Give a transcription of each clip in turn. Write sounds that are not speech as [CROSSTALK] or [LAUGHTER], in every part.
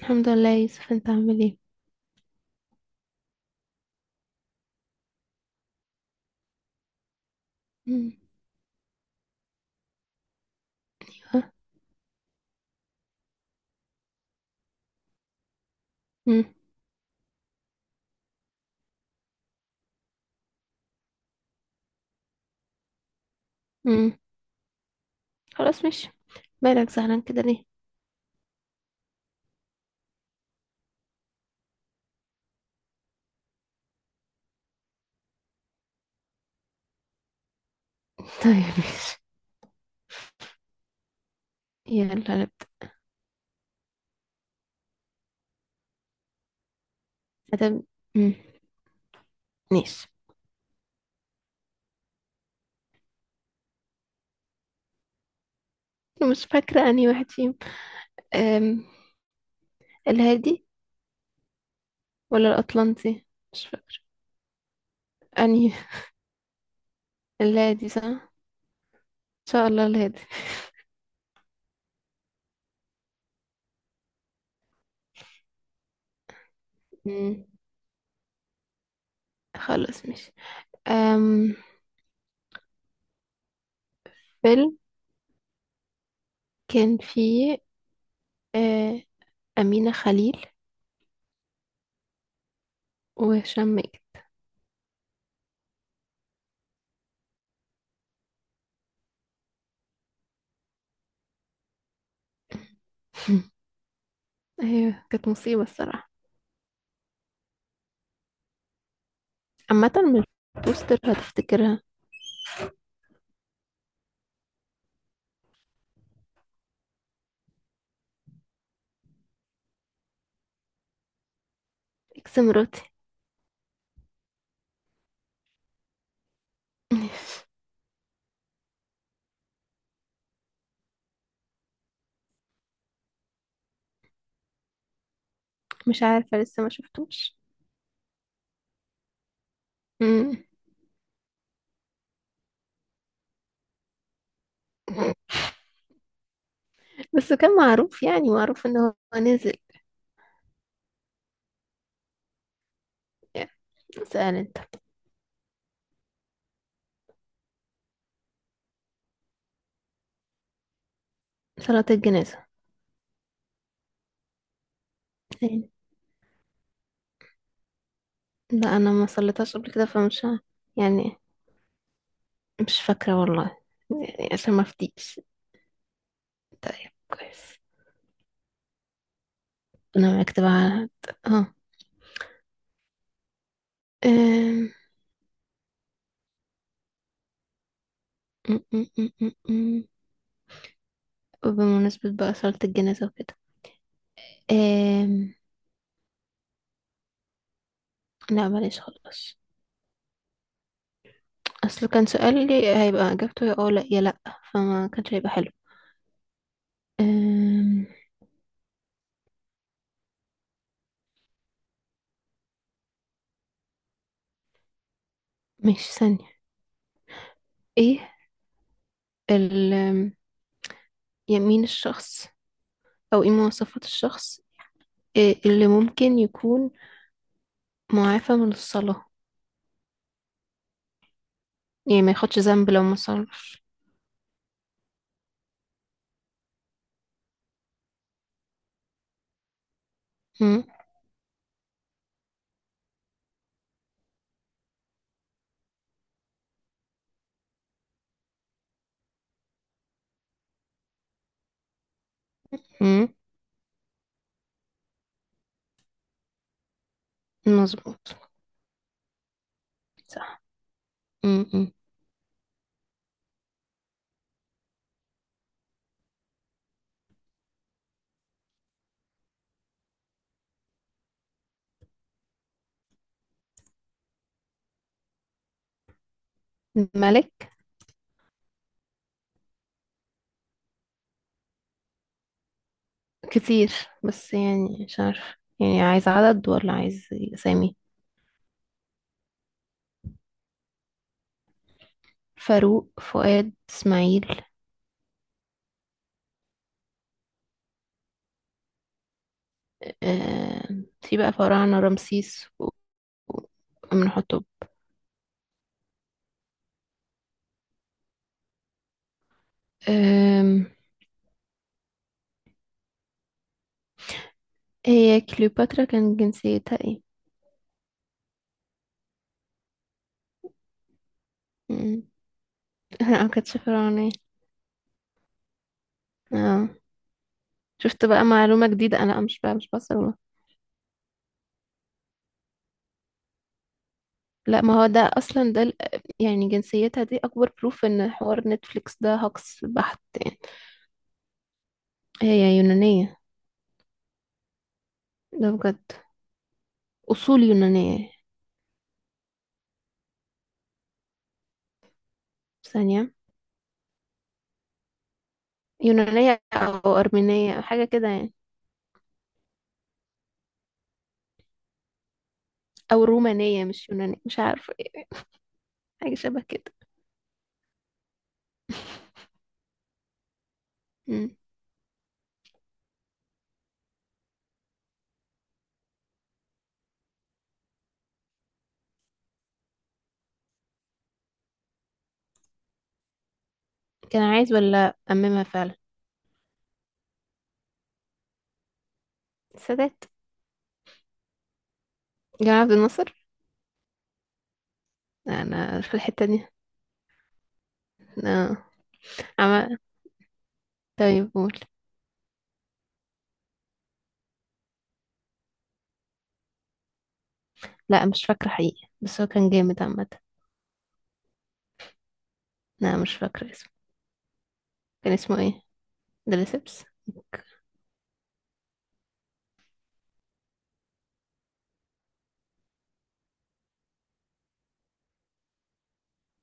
الحمد لله يا يوسف، انت عامل ايه؟ مم. ها. مم. مم. خلاص، مش... مالك زعلان كده ليه؟ [LAUGHS] طيب، ماشي. يلا نبدأ. هتب... مم. ماشي. مش فاكرة انهي واحد فيهم. أم... الهادي ولا الأطلنطي؟ مش فاكرة انهي. الهادي، صح ان شاء الله الهادي. مم. خلاص، مش... أم... فيلم كان فيه أه... أمينة خليل وهشام ماجد. [LAUGHS] ايوه، كانت مصيبة الصراحة. عامة من البوستر هتفتكرها. اكس مراتي. [LAUGHS] مش عارفة، لسه ما شفتوش. مم. بس كان معروف، يعني معروف ان هو نزل. يعني سأل انت. صلاة الجنازة. يعني لا، انا ما صليتهاش قبل كده فمش يعني مش فاكرة والله. يعني عشان ما افتيش. طيب، كويس. انا معاك تبع على هاد. اه. أم، أم، أم، أم، أم، أم. وبمناسبة بقى صلاة الجنازة وكده، أم، لا بلاش، خلاص. اصل كان سؤال لي هيبقى اجابته يا اه لا يا لا، فما كانش هيبقى حلو. أم... ماشي ثانية. ايه ال أم، يعني مين الشخص، او ايه مواصفات الشخص، إيه اللي ممكن يكون معافى من الصلاة، يعني ما ياخدش ذنب لو ما صلاش. أم، أم، مظبوط. صح. أم، أم. ملك كتير، بس يعني مش عارف، يعني عايز عدد ولا عايز اسامي؟ فاروق، فؤاد، اسماعيل. آه، في بقى فراعنة، رمسيس وامنحتب. آم، هي كليوباترا كان جنسيتها ايه؟ مم. [LAUGHS] لا، ما كانتش فرعونية. اه. شفت بقى معلومة جديدة، انا مش بقى مش بصل والله. لا، ما هو ده اصلا ده يعني جنسيتها دي اكبر بروف ان حوار نتفليكس ده هوكس بحت يعني. هي يونانية. ده بجد. اصول يونانية. ثانية. يونانية او ارمينية او حاجة كده يعني، او رومانية. مش يونانية، مش عارفة إيه، حاجة شبه كده. [LAUGHS] مم. كان عايز ولا أممها فعلا؟ السادات. جمال عبد الناصر. أنا في الحتة دي. أنا عم... طيب، قول. لا، مش فاكرة حقيقي، بس هو كان جامد عامة. لا، مش فاكرة اسمه. كان اسمه ايه؟ دريسبس.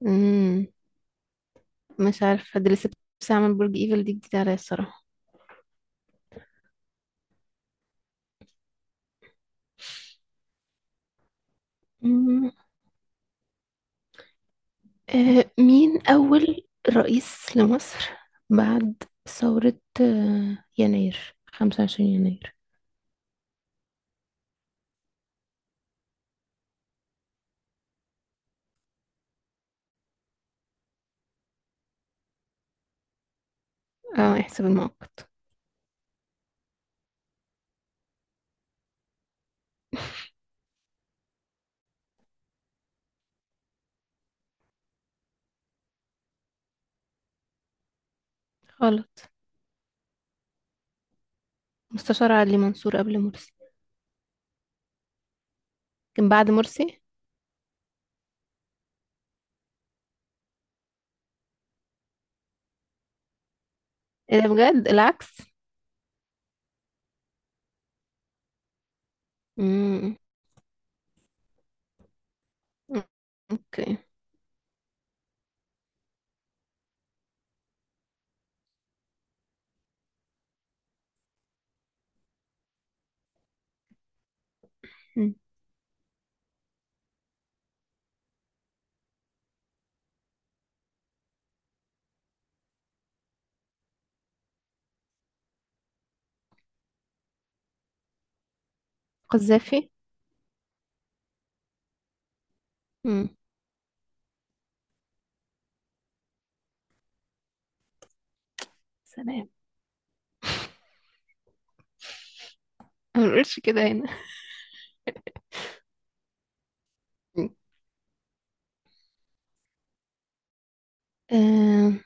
مم. مش عارفة دريسبس عمل برج ايفل، دي جديدة عليا الصراحة. مم. مين أول رئيس لمصر بعد ثورة يناير، 25 يناير؟ اه، احسب المؤقت. غلط. مستشار علي منصور قبل مرسي. كان بعد مرسي. ايه ده، بجد العكس؟ امم. اوكي. مم. قذافي. امم. سلام. أنا ما بنقولش كده هنا. مم. أم.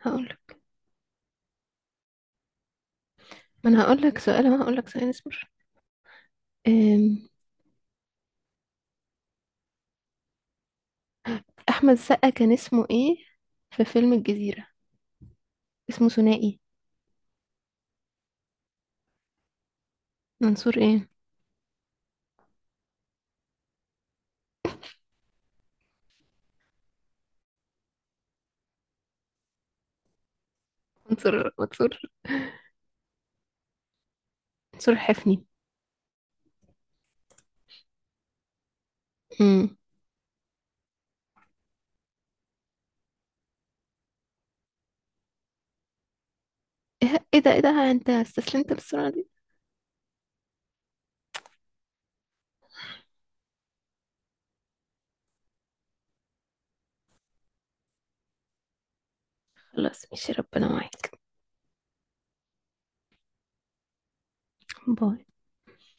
هقول. ما انا هقول لك سؤال، ما هقول لك سؤال، اصبر. أم. احمد سقا كان اسمه ايه في فيلم الجزيرة؟ اسمه ثنائي. منصور ايه؟ منصور منصور. منصور حفني. امم. ايه؟ إيه ده، ايه ده، انت استسلمت للسرعة دي. خلاص، ماشي، ربنا معاك. باي.